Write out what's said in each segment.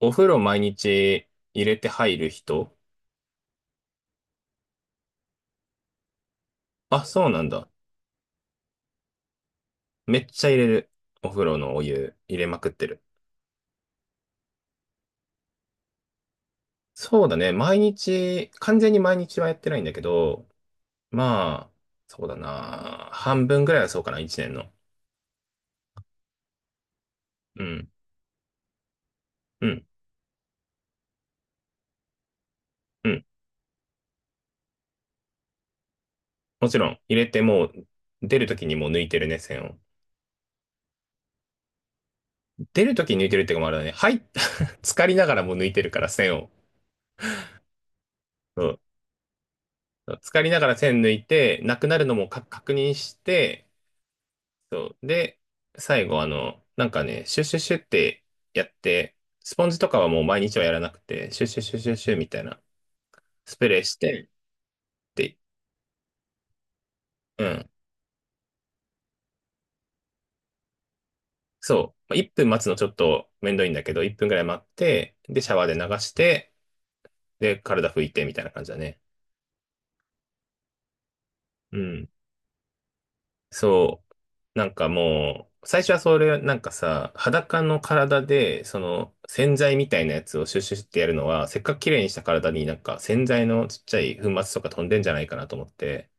お風呂毎日入れて入る人。あ、そうなんだ。めっちゃ入れる。お風呂のお湯入れまくってる。そうだね。毎日、完全に毎日はやってないんだけど、まあ、そうだな。半分ぐらいはそうかな、一年の。うん、うん、うん。もちろん、入れてもう、出るときにもう抜いてるね、線を。出るときに抜いてるっていうかもあれだね。はい、浸かりながらもう抜いてるから、線を。そうん。浸かりながら線抜いて、なくなるのもか確認して、そう。で、最後、なんかね、シュッシュッシュッってやって、スポンジとかはもう毎日はやらなくて、シュッシュッシュッシュッシュッみたいな、スプレーして、って、うん。そう。まあ1分待つのちょっとめんどいんだけど、1分ぐらい待って、で、シャワーで流して、で、体拭いてみたいな感じだね。うん。そう。なんかもう、最初はそれ、なんかさ、裸の体で、その、洗剤みたいなやつをシュッシュッシュってやるのは、せっかく綺麗にした体になんか洗剤のちっちゃい粉末とか飛んでんじゃないかなと思って、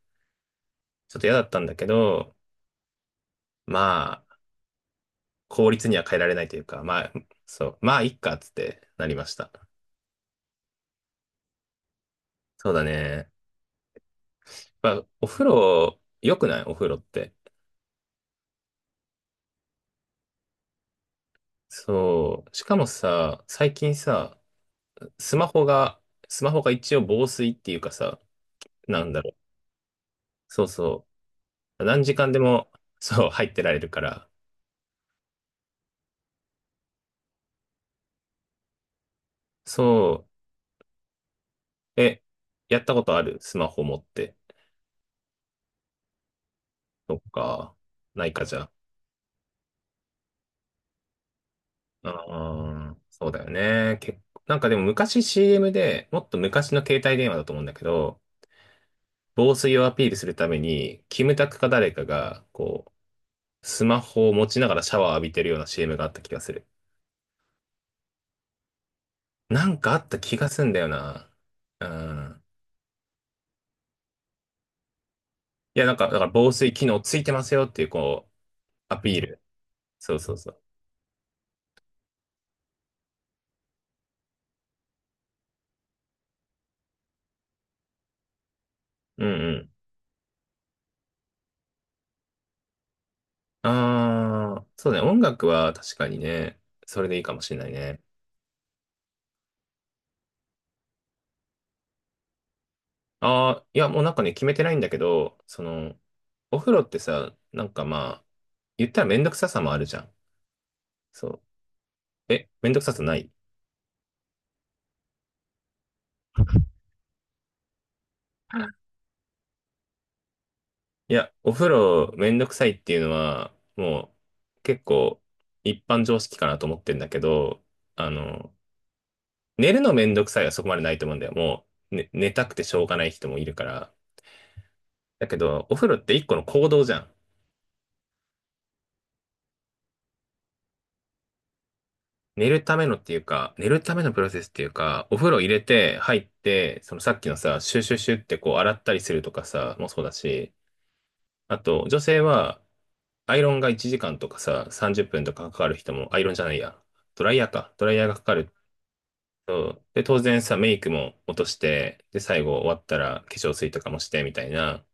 ちょっと嫌だったんだけど、まあ、効率には変えられないというか、まあ、そう、まあ、いっか、つってなりました。そうだね。まあ、お風呂、良くないお風呂って。そう。しかもさ、最近さ、スマホが、スマホが一応防水っていうかさ、なんだろう。そうそう。何時間でも、そう、入ってられるから。そう。え、やったことあるスマホ持って。そっか。ないかじゃあ。ああ、そうだよね。結構、なんかでも昔 CM で、もっと昔の携帯電話だと思うんだけど、防水をアピールするために、キムタクか誰かが、こう、スマホを持ちながらシャワー浴びてるような CM があった気がする。なんかあった気がすんだよな。うん。いや、なんか、だから防水機能ついてますよっていう、こう、アピール。そうそうそう。うんうん。ああ、そうね。音楽は確かにね、それでいいかもしれないね。ああ、いや、もうなんかね、決めてないんだけど、その、お風呂ってさ、なんかまあ、言ったらめんどくささもあるじゃん。そう。え、めんどくささない。いや、お風呂めんどくさいっていうのは、もう結構一般常識かなと思ってんだけど、あの、寝るのめんどくさいはそこまでないと思うんだよ。もう、ね、寝たくてしょうがない人もいるから。だけど、お風呂って一個の行動じゃん。寝るためのっていうか、寝るためのプロセスっていうか、お風呂入れて、入って、そのさっきのさ、シュシュシュってこう洗ったりするとかさ、もそうだし、あと、女性は、アイロンが1時間とかさ、30分とかかかる人も、アイロンじゃないや、ドライヤーか、ドライヤーがかかると、で、当然さ、メイクも落として、で、最後終わったら化粧水とかもして、みたいな、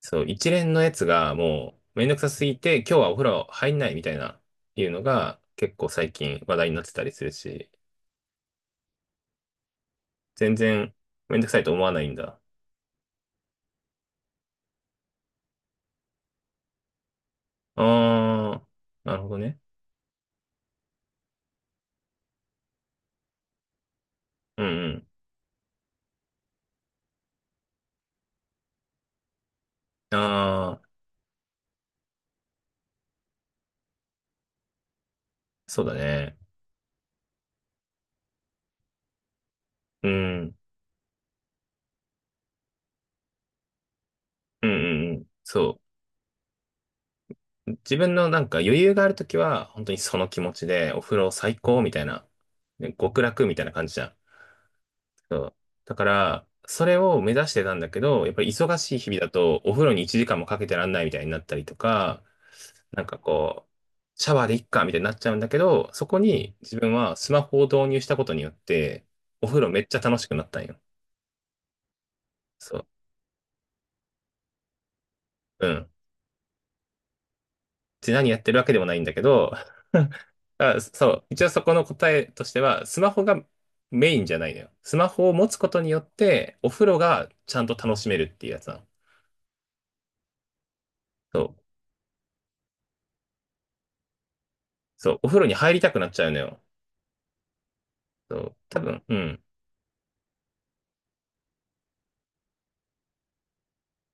そう、一連のやつがもう、めんどくさすぎて、今日はお風呂入んないみたいな、いうのが、結構最近話題になってたりするし、全然めんどくさいと思わないんだ。ああ、なるほどね。うんうん。ああ、そうだね。うん。うんうんうん。そう。自分のなんか余裕があるときは、本当にその気持ちで、お風呂最高みたいな、ね極楽みたいな感じじゃん。そう。だから、それを目指してたんだけど、やっぱり忙しい日々だと、お風呂に1時間もかけてらんないみたいになったりとか、なんかこう、シャワーでいっかみたいになっちゃうんだけど、そこに自分はスマホを導入したことによって、お風呂めっちゃ楽しくなったんよ。そう。うん。で、何やってるわけでもないんだけど、あ、そう。一応そこの答えとしては、スマホがメインじゃないのよ。スマホを持つことによって、お風呂がちゃんと楽しめるっていうやつなの。そう。そう。お風呂に入りたくなっちゃうのよ。そう、多分、うん。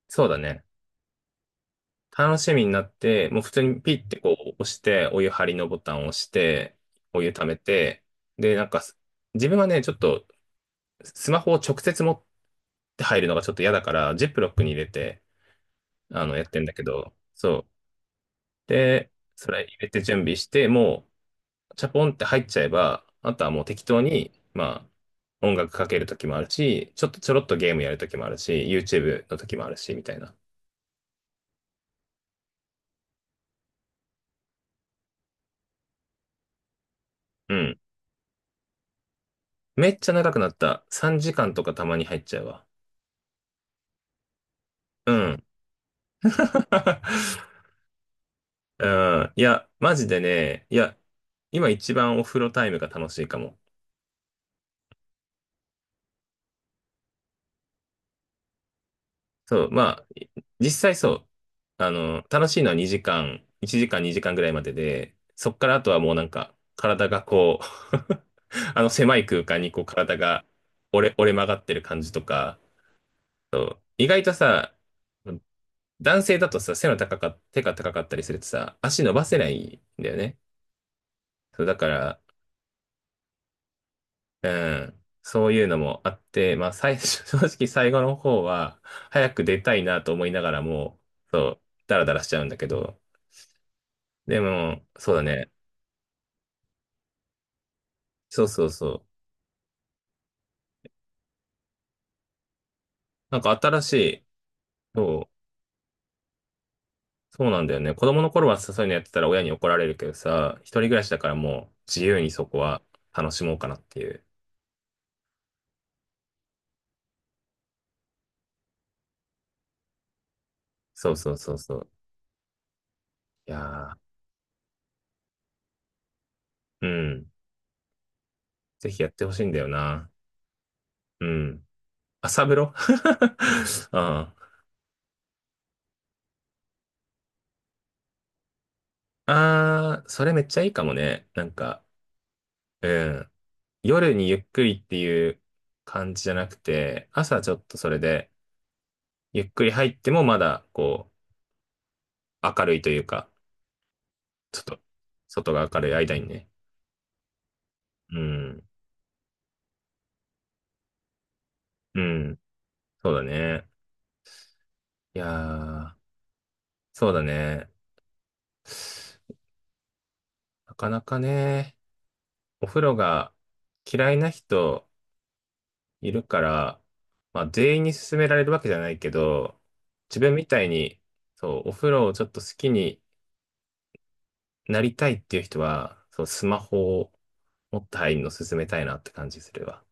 そうだね。楽しみになって、もう普通にピッてこう押して、お湯張りのボタンを押して、お湯溜めて、で、なんか自分はね、ちょっと、スマホを直接持って入るのがちょっと嫌だから、ジップロックに入れて、やってんだけど、そう。で、それ入れて準備して、もう、チャポンって入っちゃえば、あとはもう適当に、まあ、音楽かけるときもあるし、ちょっとちょろっとゲームやるときもあるし、YouTube のときもあるし、みたいな。うん。めっちゃ長くなった。3時間とかたまに入っちゃうわ。うん。うん。いや、マジでね、いや、今一番お風呂タイムが楽しいかも。そう、まあ、実際そう。楽しいのは2時間、1時間2時間ぐらいまでで、そっからあとはもうなんか、体がこう あの狭い空間にこう体が折れ曲がってる感じとか、意外とさ、男性だとさ、背の高か、手が高かったりするとさ、足伸ばせないんだよね。そう、だから、うん、そういうのもあって、まあ、最初、正直最後の方は、早く出たいなと思いながらも、そう、ダラダラしちゃうんだけど、でも、そうだね。そうそうそう。なんか新しい、そう、そうなんだよね。子供の頃はさそういうのやってたら親に怒られるけどさ、一人暮らしだからもう自由にそこは楽しもうかなっていう。そうそうそうそう。いやー、うん。ぜひやってほしいんだよな。うん。朝風呂 ああ。あー、それめっちゃいいかもね。なんか、うん。夜にゆっくりっていう感じじゃなくて、朝ちょっとそれで、ゆっくり入ってもまだ、こう、明るいというか、ちょっと、外が明るい間にね。うん。うん。そうだね。いやー、そうだね。なかなかね、お風呂が嫌いな人、いるから、まあ、全員に勧められるわけじゃないけど、自分みたいに、そう、お風呂をちょっと好きになりたいっていう人は、そう、スマホを持って入るの勧めたいなって感じするわ。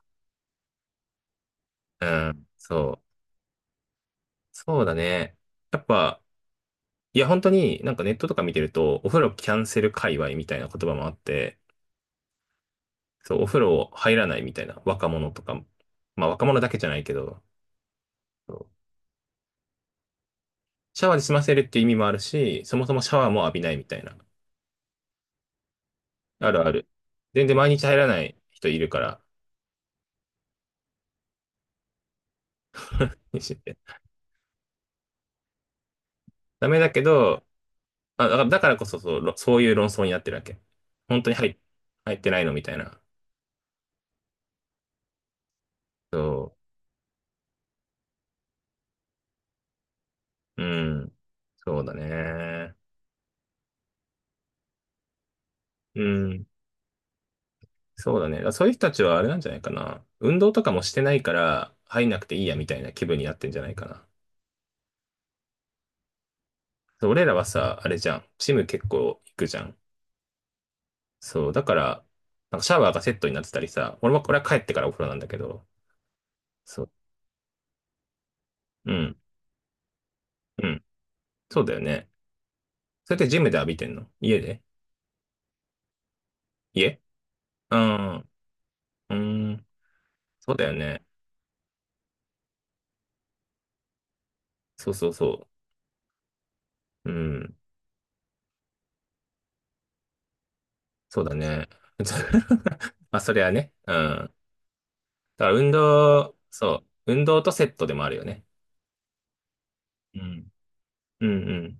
うん、そう。そうだね。やっぱ、いや、本当になんかネットとか見てると、お風呂キャンセル界隈みたいな言葉もあって、そう、お風呂入らないみたいな若者とかも、まあ若者だけじゃないけど、そうシャワーで済ませるっていう意味もあるし、そもそもシャワーも浴びないみたいな。あるある。全然毎日入らない人いるから、妊娠って。ダメだけど、あ、だからこそそう、そういう論争になってるわけ。本当に入ってないのみたいな。そう。うん。そうだね。うん。そうだね。だからそういう人たちはあれなんじゃないかな。運動とかもしてないから、入んなくていいやみたいな気分になってんじゃないかな。そう俺らはさ、あれじゃん。ジム結構行くじゃん。そう。だから、なんかシャワーがセットになってたりさ、俺は帰ってからお風呂なんだけど、そう。うん。うんそうだよね。それってジムで浴びてんの家で家うん。うん。そうだよね。そうそうそう。うん。そうだね。まあ、それはね。うん。だから運動、そう。運動とセットでもあるよね。うん。うんうん。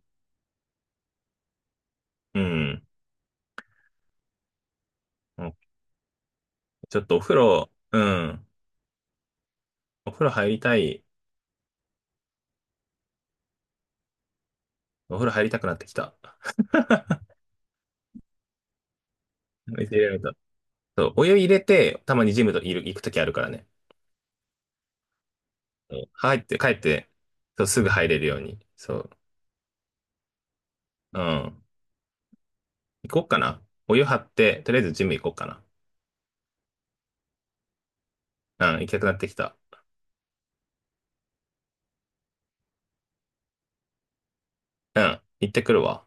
うん。ちょっとお風呂、うん。お風呂入りたい。お風呂入りたくなってきた。水入れられた。そう。お湯入れて、たまにジムといる、行くときあるからね。そう入って、帰って、そう、すぐ入れるように。そう。うん。行こうかな。お湯張って、とりあえずジム行こうかな。うん、行きたくなってきた。うん、行ってくるわ。